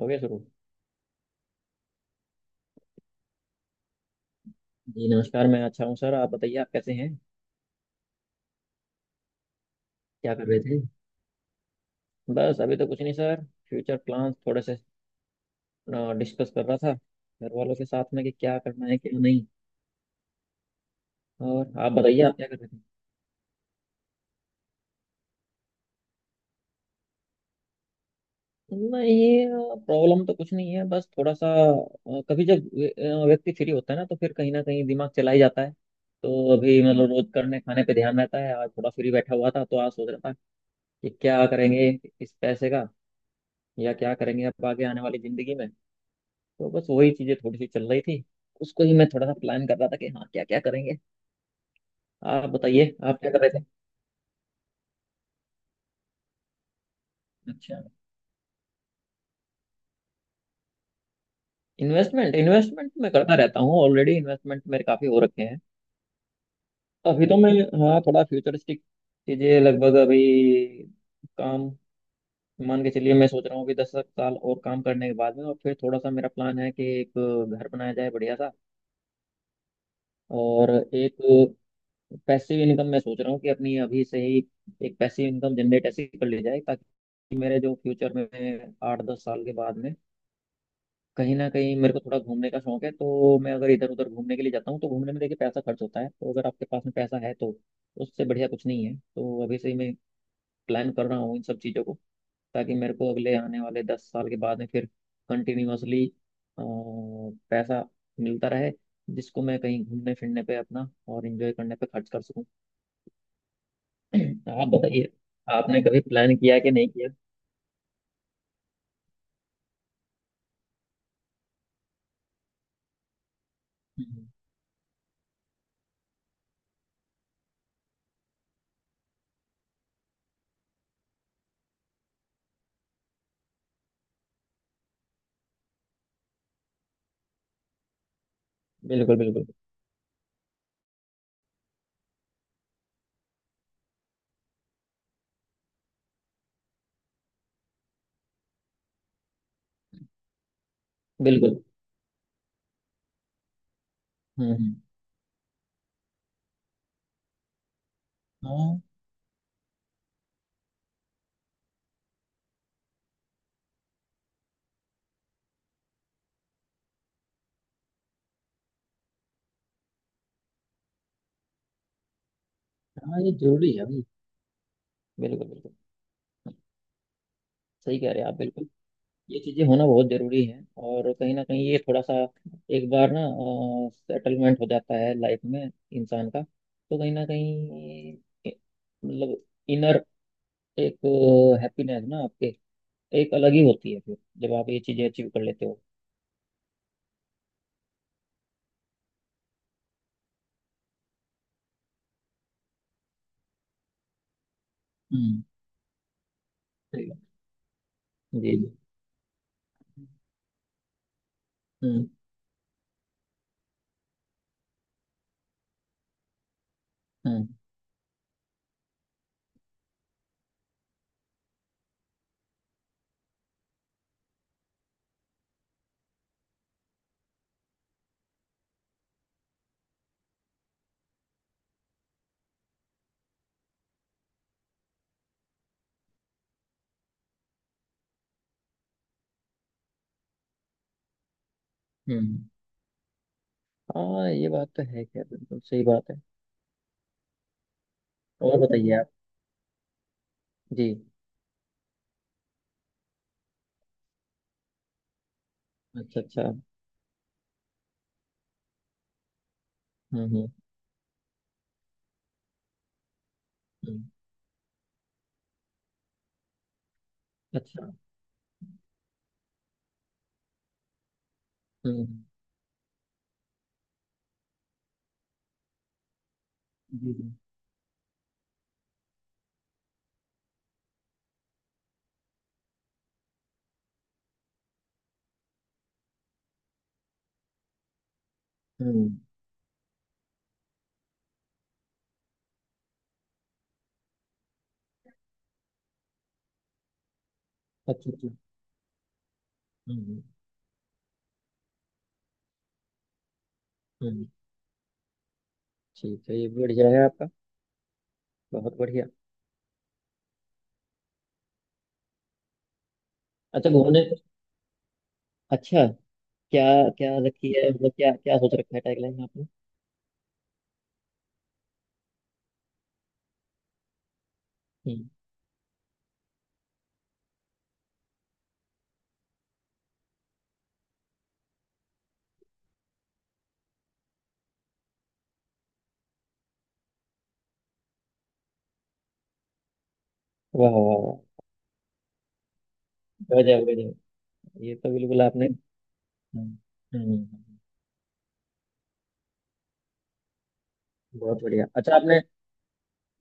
हो गया शुरू। जी नमस्कार, मैं अच्छा हूँ सर। आप बताइए, आप कैसे हैं? क्या कर रहे थे? बस अभी तो कुछ नहीं सर। फ्यूचर प्लान्स थोड़े से डिस्कस कर रहा था घर वालों के साथ में कि क्या करना है क्या नहीं। और आप बताइए, आप क्या कर रहे थे? नहीं। प्रॉब्लम तो कुछ नहीं है, बस थोड़ा सा कभी जब व्यक्ति फ्री होता है ना तो फिर कहीं ना कहीं दिमाग चला ही जाता है। तो अभी मतलब रोज करने खाने पे ध्यान रहता है, आज थोड़ा फ्री बैठा हुआ था तो आज सोच रहा था कि क्या करेंगे इस पैसे का, या क्या करेंगे अब आगे आने वाली जिंदगी में। तो बस वही चीजें थोड़ी सी चल रही थी, उसको ही मैं थोड़ा सा प्लान कर रहा था कि हाँ क्या क्या करेंगे। आप बताइए, आप क्या कर रहे थे? अच्छा। इन्वेस्टमेंट, इन्वेस्टमेंट मैं करता रहता हूँ, ऑलरेडी इन्वेस्टमेंट मेरे काफी हो रखे हैं। अभी तो मैं हाँ थोड़ा फ्यूचरिस्टिक चीजें लगभग अभी काम मान के चलिए, मैं सोच रहा हूँ कि 10 साल और काम करने के बाद में, और फिर थोड़ा सा मेरा प्लान है कि एक घर बनाया जाए बढ़िया सा। और एक पैसिव इनकम मैं सोच रहा हूँ कि अपनी अभी से ही एक पैसिव इनकम जनरेट ऐसी कर ली जाए, ताकि मेरे जो फ्यूचर में 8-10 साल के बाद में कहीं ना कहीं मेरे को थोड़ा घूमने का शौक है, तो मैं अगर इधर उधर घूमने के लिए जाता हूँ तो घूमने में देखिए पैसा खर्च होता है, तो अगर आपके पास में पैसा है तो उससे बढ़िया कुछ नहीं है। तो अभी से ही मैं प्लान कर रहा हूँ इन सब चीज़ों को, ताकि मेरे को अगले आने वाले 10 साल के बाद में फिर कंटिन्यूअसली पैसा मिलता रहे जिसको मैं कहीं घूमने फिरने पे अपना और एंजॉय करने पे खर्च कर सकूँ। आप बताइए, आपने कभी प्लान किया कि नहीं किया? हम्म। बिल्कुल बिल्कुल। बिल्कुल। हम्म। हाँ हाँ, ये जरूरी है भाई। बिल्कुल बिल्कुल। सही कह रहे हैं आप, बिल्कुल। ये चीजें होना बहुत जरूरी है, और कहीं ना कहीं ये थोड़ा सा एक बार ना सेटलमेंट हो जाता है लाइफ में इंसान का, तो कहीं ना कहीं ए- मतलब इनर एक हैप्पीनेस ना आपके एक अलग ही होती है फिर जब आप ये चीजें अचीव कर लेते हो। हम्म, सही बात। जी जी। हम्म हम्म हम्म। हाँ ये बात तो है, क्या बिल्कुल सही बात है। और बताइए आप। जी। अच्छा अच्छा। हम्म हम्म हम्म। अच्छा। हम्म। जी जी। हम्म। अच्छा अच्छा। हम्म हम्म हम्म। ठीक है, ये भी बढ़िया है आपका। बहुत बढ़िया। अच्छा घूमने। अच्छा, क्या? क्या रखी है? मतलब क्या क्या सोच रखा है टैगलाइन आपने? हम्म। वाह वाह वाह। गजब गजब। ये तो बिल्कुल आपने। हम्म हम्म हम्म बहुत बढ़िया, अच्छा आपने।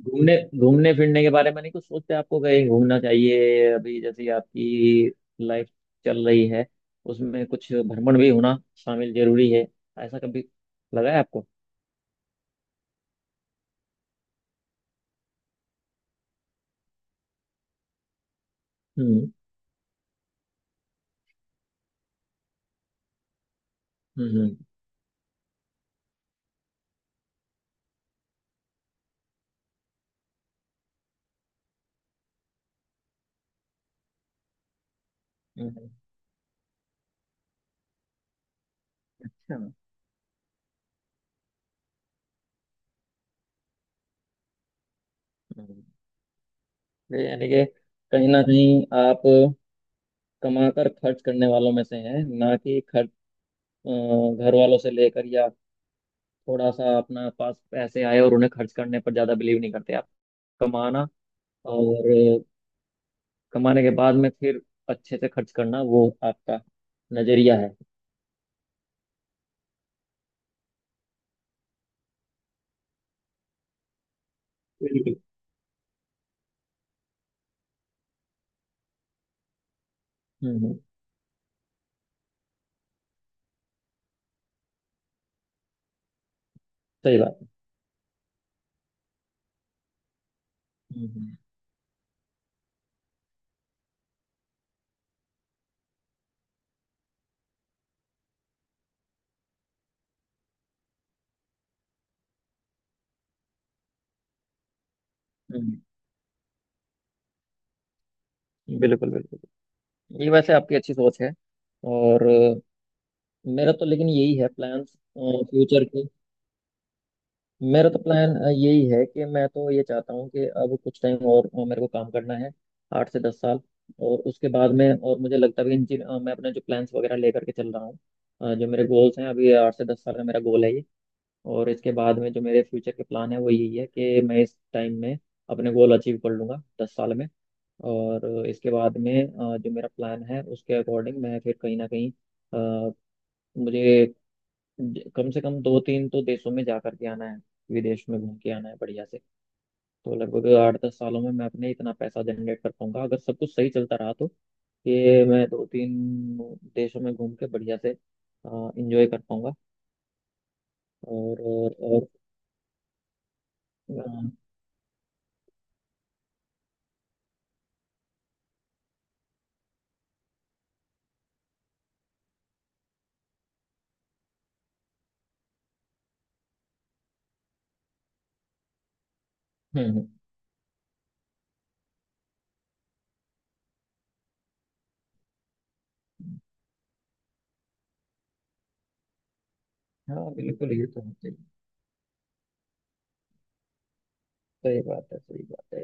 घूमने, घूमने फिरने के बारे में नहीं कुछ सोचते? आपको कहीं घूमना चाहिए अभी, जैसे आपकी लाइफ चल रही है उसमें कुछ भ्रमण भी होना शामिल जरूरी है, ऐसा कभी लगा है आपको? हम्म हम्म हम्म। हम्म। अच्छा। हम्म। ये यानी कि कहीं ना कहीं आप कमाकर खर्च करने वालों में से हैं, ना कि खर्च अ, घर वालों से लेकर, या थोड़ा सा अपना पास पैसे आए और उन्हें खर्च करने पर ज्यादा बिलीव नहीं करते आप। कमाना, और कमाने के बाद में फिर अच्छे से खर्च करना, वो आपका नजरिया है। बिल्कुल। हम्म हम्म, सही बात है। हम्म। बिल्कुल बिल्कुल। ये वैसे आपकी अच्छी सोच है। और मेरा तो लेकिन यही है प्लान्स फ्यूचर के। मेरा तो प्लान यही है कि मैं तो ये चाहता हूँ कि अब कुछ टाइम और मेरे को काम करना है, 8 से 10 साल। और उसके बाद में, और मुझे लगता भी मैं अपने जो प्लान्स वगैरह लेकर के चल रहा हूँ, जो मेरे गोल्स हैं, अभी 8 से 10 साल का मेरा गोल है ये। और इसके बाद में जो मेरे फ्यूचर के प्लान है वो यही है कि मैं इस टाइम में अपने गोल अचीव कर लूँगा, 10 साल में। और इसके बाद में जो मेरा प्लान है उसके अकॉर्डिंग मैं फिर कहीं ना कहीं अ, मुझे कम से कम 2-3 तो देशों में जा करके आना है, विदेश में घूम के आना है बढ़िया से। तो लगभग 8-10 सालों में मैं अपने इतना पैसा जनरेट कर पाऊंगा अगर सब कुछ सही चलता रहा तो, कि मैं 2-3 देशों में घूम के बढ़िया से इंजॉय कर पाऊंगा। और हम्म। हम्म हाँ बिल्कुल, ये तो होता ही है। सही बात है, सही बात है।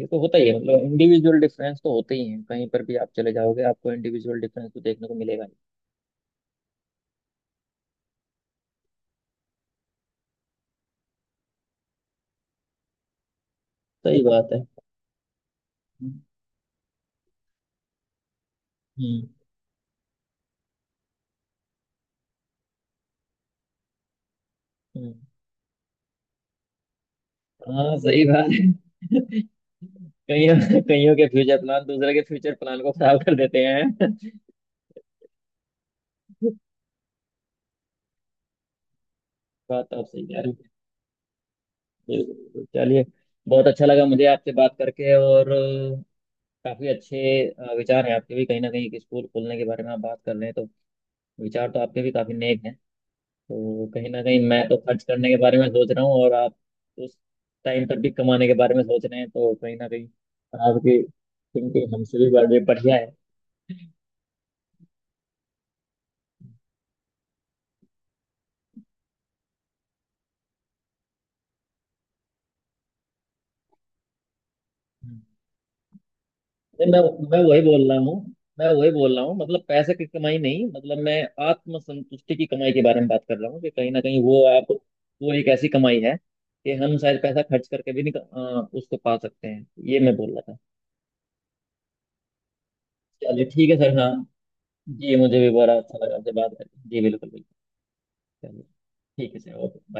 ये तो होता ही है, मतलब इंडिविजुअल डिफरेंस तो होते ही हैं, कहीं पर भी आप चले जाओगे आपको इंडिविजुअल डिफरेंस तो देखने को मिलेगा ही। सही बात है। हम्म हम्म हम्म। हाँ सही बात है। कईयों, कईयों के फ्यूचर प्लान दूसरे के फ्यूचर प्लान को खराब कर देते हैं। बात तो आप सही कह रहे हो, बिल्कुल बिल्कुल। चलिए, बहुत अच्छा लगा मुझे आपसे बात करके। और काफी अच्छे विचार हैं आपके भी, कहीं ना कहीं एक स्कूल खोलने के बारे में आप बात कर रहे हैं तो विचार तो आपके भी काफी नेक हैं। तो कहीं ना कहीं मैं तो खर्च करने के बारे में सोच रहा हूँ, और आप उस टाइम पर भी कमाने के बारे में सोच रहे हैं, तो कहीं ना कहीं आपकी थिंकिंग हमसे भी बड़े बढ़िया है। नहीं, मैं वही बोल रहा हूँ। मैं वही बोल रहा हूँ, मतलब पैसे की कमाई नहीं, मतलब मैं आत्मसंतुष्टि की कमाई के बारे में बात कर रहा हूँ कि कहीं ना कहीं वो आप, वो एक ऐसी कमाई है कि हम शायद पैसा खर्च करके भी नहीं उसको पा सकते हैं। ये मैं बोल रहा था। चलिए, ठीक है सर हाँ। जी, मुझे भी बड़ा अच्छा लगा आपसे बात करके जी, बिल्कुल बिल्कुल। चलिए, ठीक है सर, ओके।